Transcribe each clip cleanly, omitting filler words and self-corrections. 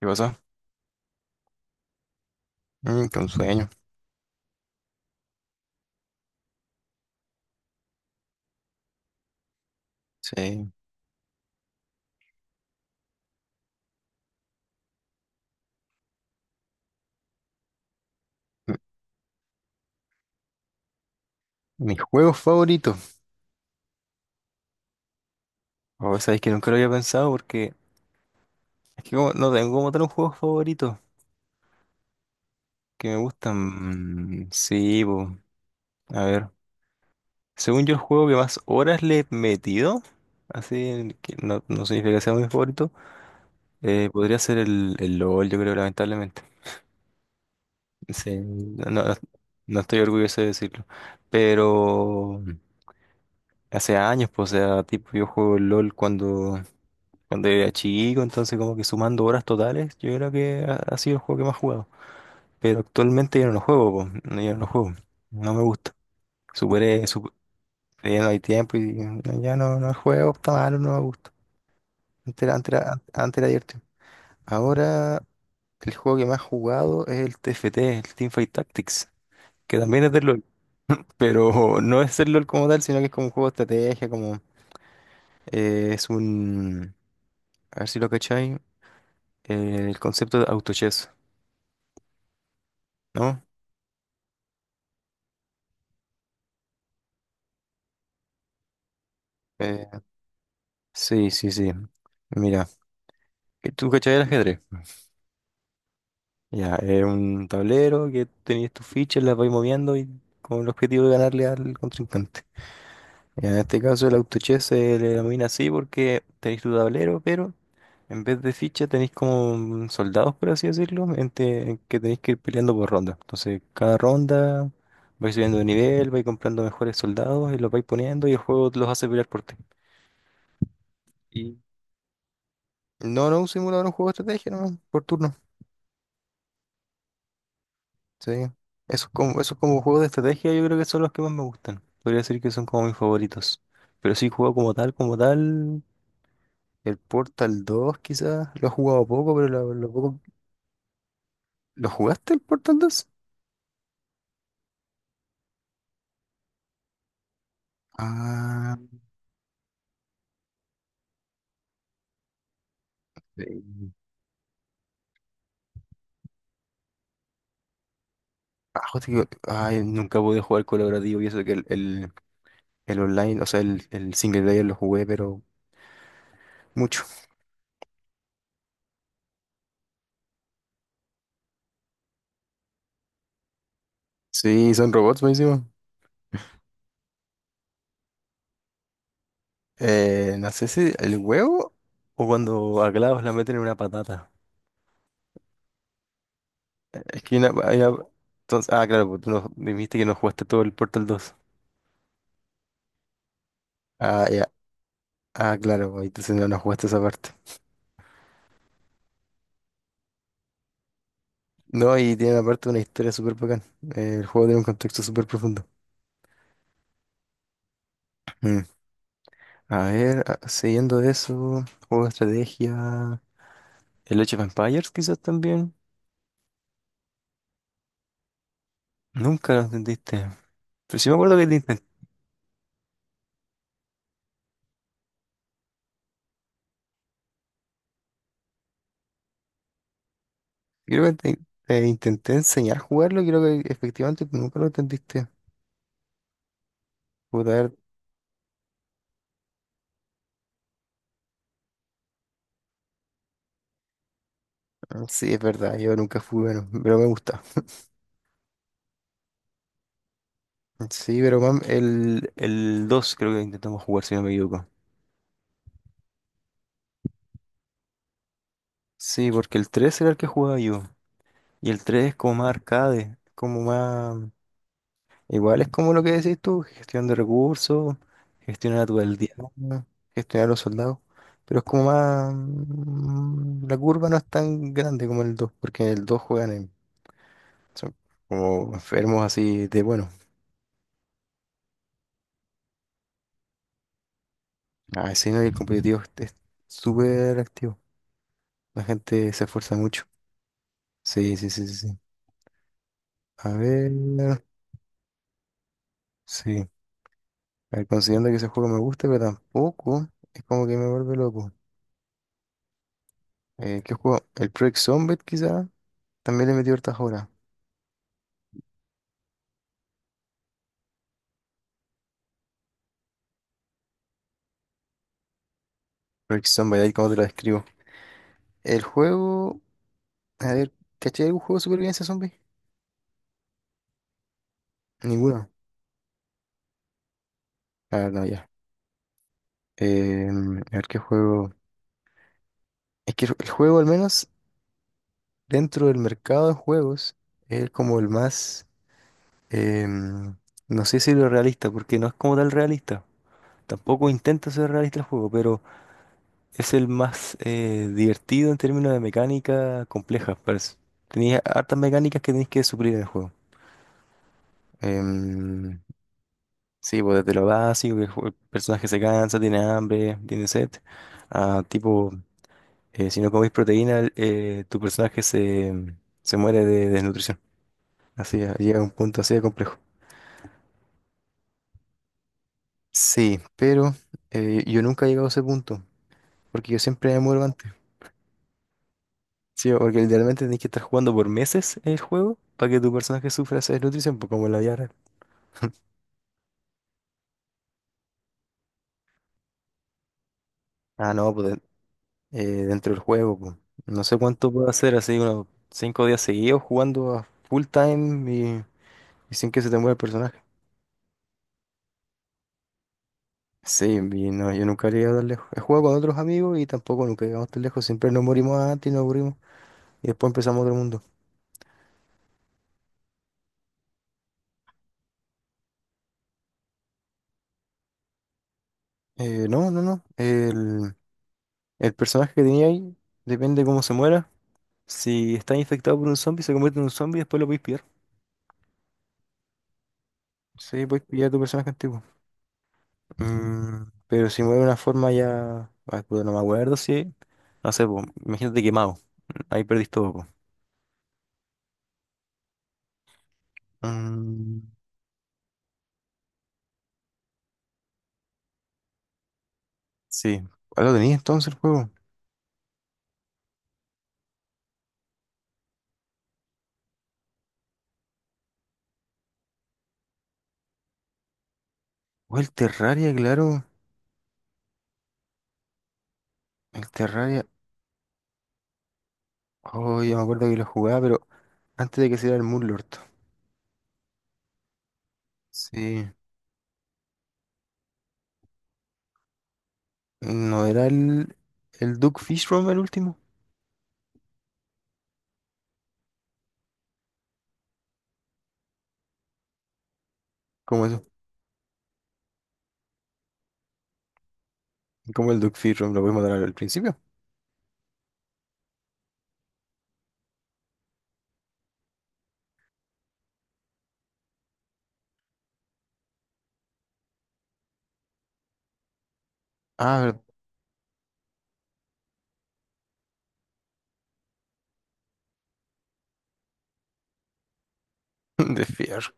¿Qué pasó? Mm, que un sueño. Sí. M- Mis juegos favoritos. O sabéis que nunca lo había pensado, porque no tengo como tal un juego favorito que me gustan. Mm, sí, po. A ver. Según yo, el juego que más horas le he metido, así, en que no significa que sea mi favorito, podría ser el LOL, yo creo, lamentablemente. Sí, no estoy orgulloso de decirlo. Pero hace años, pues, o sea, tipo, yo juego LOL cuando. Cuando era chico, entonces como que sumando horas totales, yo creo que ha sido el juego que más he jugado. Pero actualmente yo no lo juego, po, no, yo no lo juego. No me gusta. Superé, sup- ya no hay tiempo y no, ya no juego, está malo, no me gusta. Antes era divertido. Ahora el juego que más he jugado es el TFT, el Teamfight Tactics, que también es del LOL. Pero no es el LOL como tal, sino que es como un juego de estrategia, como es un... A ver si lo cacháis, el concepto de autochess, ¿no? Eh, Sí, sí, sí. Mira, ¿que tú cachai el ajedrez? Ya, es un tablero que tenías tus fichas, las vais moviendo y con el objetivo de ganarle al contrincante. Ya, en este caso el autochess se le denomina así porque tenéis tu tablero, pero en vez de fichas tenéis como soldados, por así decirlo, en que tenéis que ir peleando por ronda. Entonces, cada ronda vais subiendo de nivel, vais comprando mejores soldados y los vais poniendo y el juego los hace pelear por ti. Y- No, no, un simulador, un juego de estrategia, no, por turno. Sí. Esos como juegos de estrategia yo creo que son los que más me gustan. Podría decir que son como mis favoritos. Pero sí, juego como tal, como tal. El Portal 2, quizás. Lo he jugado poco, pero lo poco... ¿Lo jugaste el Portal 2? Ah, eh, ah, ay, nunca pude jugar colaborativo, y eso que el online, o sea, el single player lo jugué, pero mucho. Sí, son robots buenísimo. No sé si el huevo o cuando a Clavos la meten en una patata. Es que una- hay una- entonces, ah, claro, pues tú no, dijiste que no jugaste todo el Portal 2. Ah, ya. Ah, claro, pues, entonces no, no jugaste esa parte. No, y tiene aparte una historia súper bacán. El juego tiene un contexto súper profundo. Mm. A ver, siguiendo de eso, juego de estrategia. El Age of Empires quizás también. Nunca lo entendiste. Pero sí me acuerdo que te intenté, creo que te intenté enseñar a jugarlo y creo que efectivamente tú nunca lo entendiste. Puta, a ver, ah, sí, es verdad, yo nunca fui bueno, pero me gusta. Sí, pero mam, el 2 creo que intentamos jugar, si no me equivoco. Sí, porque el 3 era el que jugaba yo. Y el 3 es como más arcade, como más... Igual es como lo que decís tú, gestión de recursos, gestionar a tu aldeano, gestionar a los soldados. Pero es como más... mm, la curva no es tan grande como el 2 porque en el 2 juegan en... Son como enfermos así de bueno. Ah, sí, no, y el competitivo es súper activo. La gente se esfuerza mucho. Sí, sí, sí, sí. Sí. A ver, sí. A ver, considerando que ese juego me gusta, pero tampoco es como que me vuelve loco. ¿Qué juego? El Project Zombat, quizá. También le metí hartas horas. Project Zombat, ahí como te lo describo. El juego. A ver, ¿cachai algún juego de supervivencia zombie? Ninguno. Ah, no, ya. Eh, a ver qué juego. Es que el juego, al menos dentro del mercado de juegos, es como el más. em, no sé si lo realista, porque no es como tal realista. Tampoco intenta ser realista el juego, pero. Es el más divertido en términos de mecánica compleja, parece. Tenía hartas mecánicas que tenéis que suplir en el juego. Em, sí, pues desde lo básico, que el personaje se cansa, tiene hambre, tiene sed, a tipo, si no coméis proteína, tu personaje se, se muere de desnutrición. Así, llega a un punto así de complejo. Sí, pero yo nunca he llegado a ese punto, porque yo siempre me muero antes. Sí, porque literalmente tenés que estar jugando por meses el juego para que tu personaje sufra esa desnutrición, pues como en la vida real. Ah, no, dentro del juego, pues. No sé cuánto puedo hacer, así unos 5 días seguidos jugando a full time y sin que se te mueva el personaje. Sí, y no, yo nunca he llegado tan lejos. He jugado con otros amigos y tampoco nunca llegamos tan lejos. Siempre nos morimos antes y nos aburrimos y después empezamos otro mundo. No, no, no. El personaje que tenía ahí depende de cómo se muera. Si está infectado por un zombie, se convierte en un zombie y después lo podéis pillar. Sí, puedes pillar tu personaje antiguo. Mm, pero si mueve de una forma ya. Ah, puta, no me acuerdo si. No sé, po, imagínate quemado. Ahí perdiste todo, po. Mm, sí. ¿Cuál lo tenías entonces el juego? O el Terraria, claro. El Terraria. Oh, yo me acuerdo que lo jugaba, pero antes de que saliera el Moonlord. Sí. ¿No era el Duke Fishrom el último? ¿Cómo eso? ¿Cómo el Duke Fishrom lo puedes matar al principio? Ah, de Fear.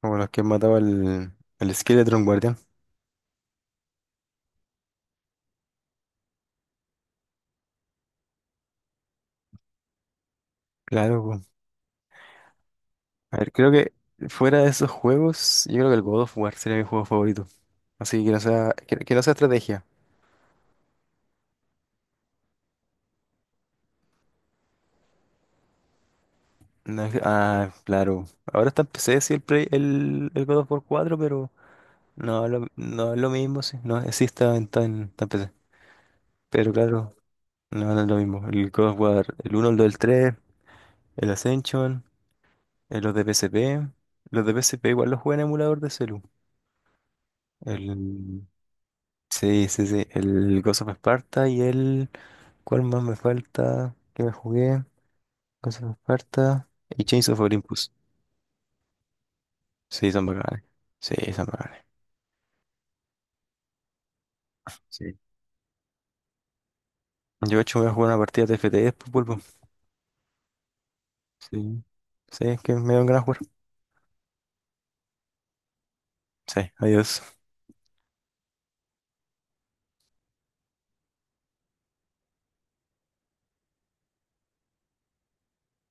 Como los que mataba el Skeleton Guardián. Claro, po. A ver, creo que fuera de esos juegos, yo creo que el God of War sería mi juego favorito. Así que no sea estrategia. No es- ah, claro. Ahora está en PC, sí, el God of War 4, pero no, no es lo mismo, sí. No, sí está en PC. Pero claro, no, no es lo mismo. El God of War, el uno, el 2, el 3, el Ascension, los de PSP. Los de PSP igual los juegan en emulador de celu. Sí, sí, sí. El Ghost of Sparta y el... ¿Cuál más me falta? ¿Qué me jugué? Ghost of Sparta y Chains of Olympus. Sí, son bacanes. Sí, son bacanes. Sí. Yo, de hecho, voy a jugar una partida de FTS, pues, vuelvo. Sí. Sí, es que me dan ganas de jugar. Sí, adiós.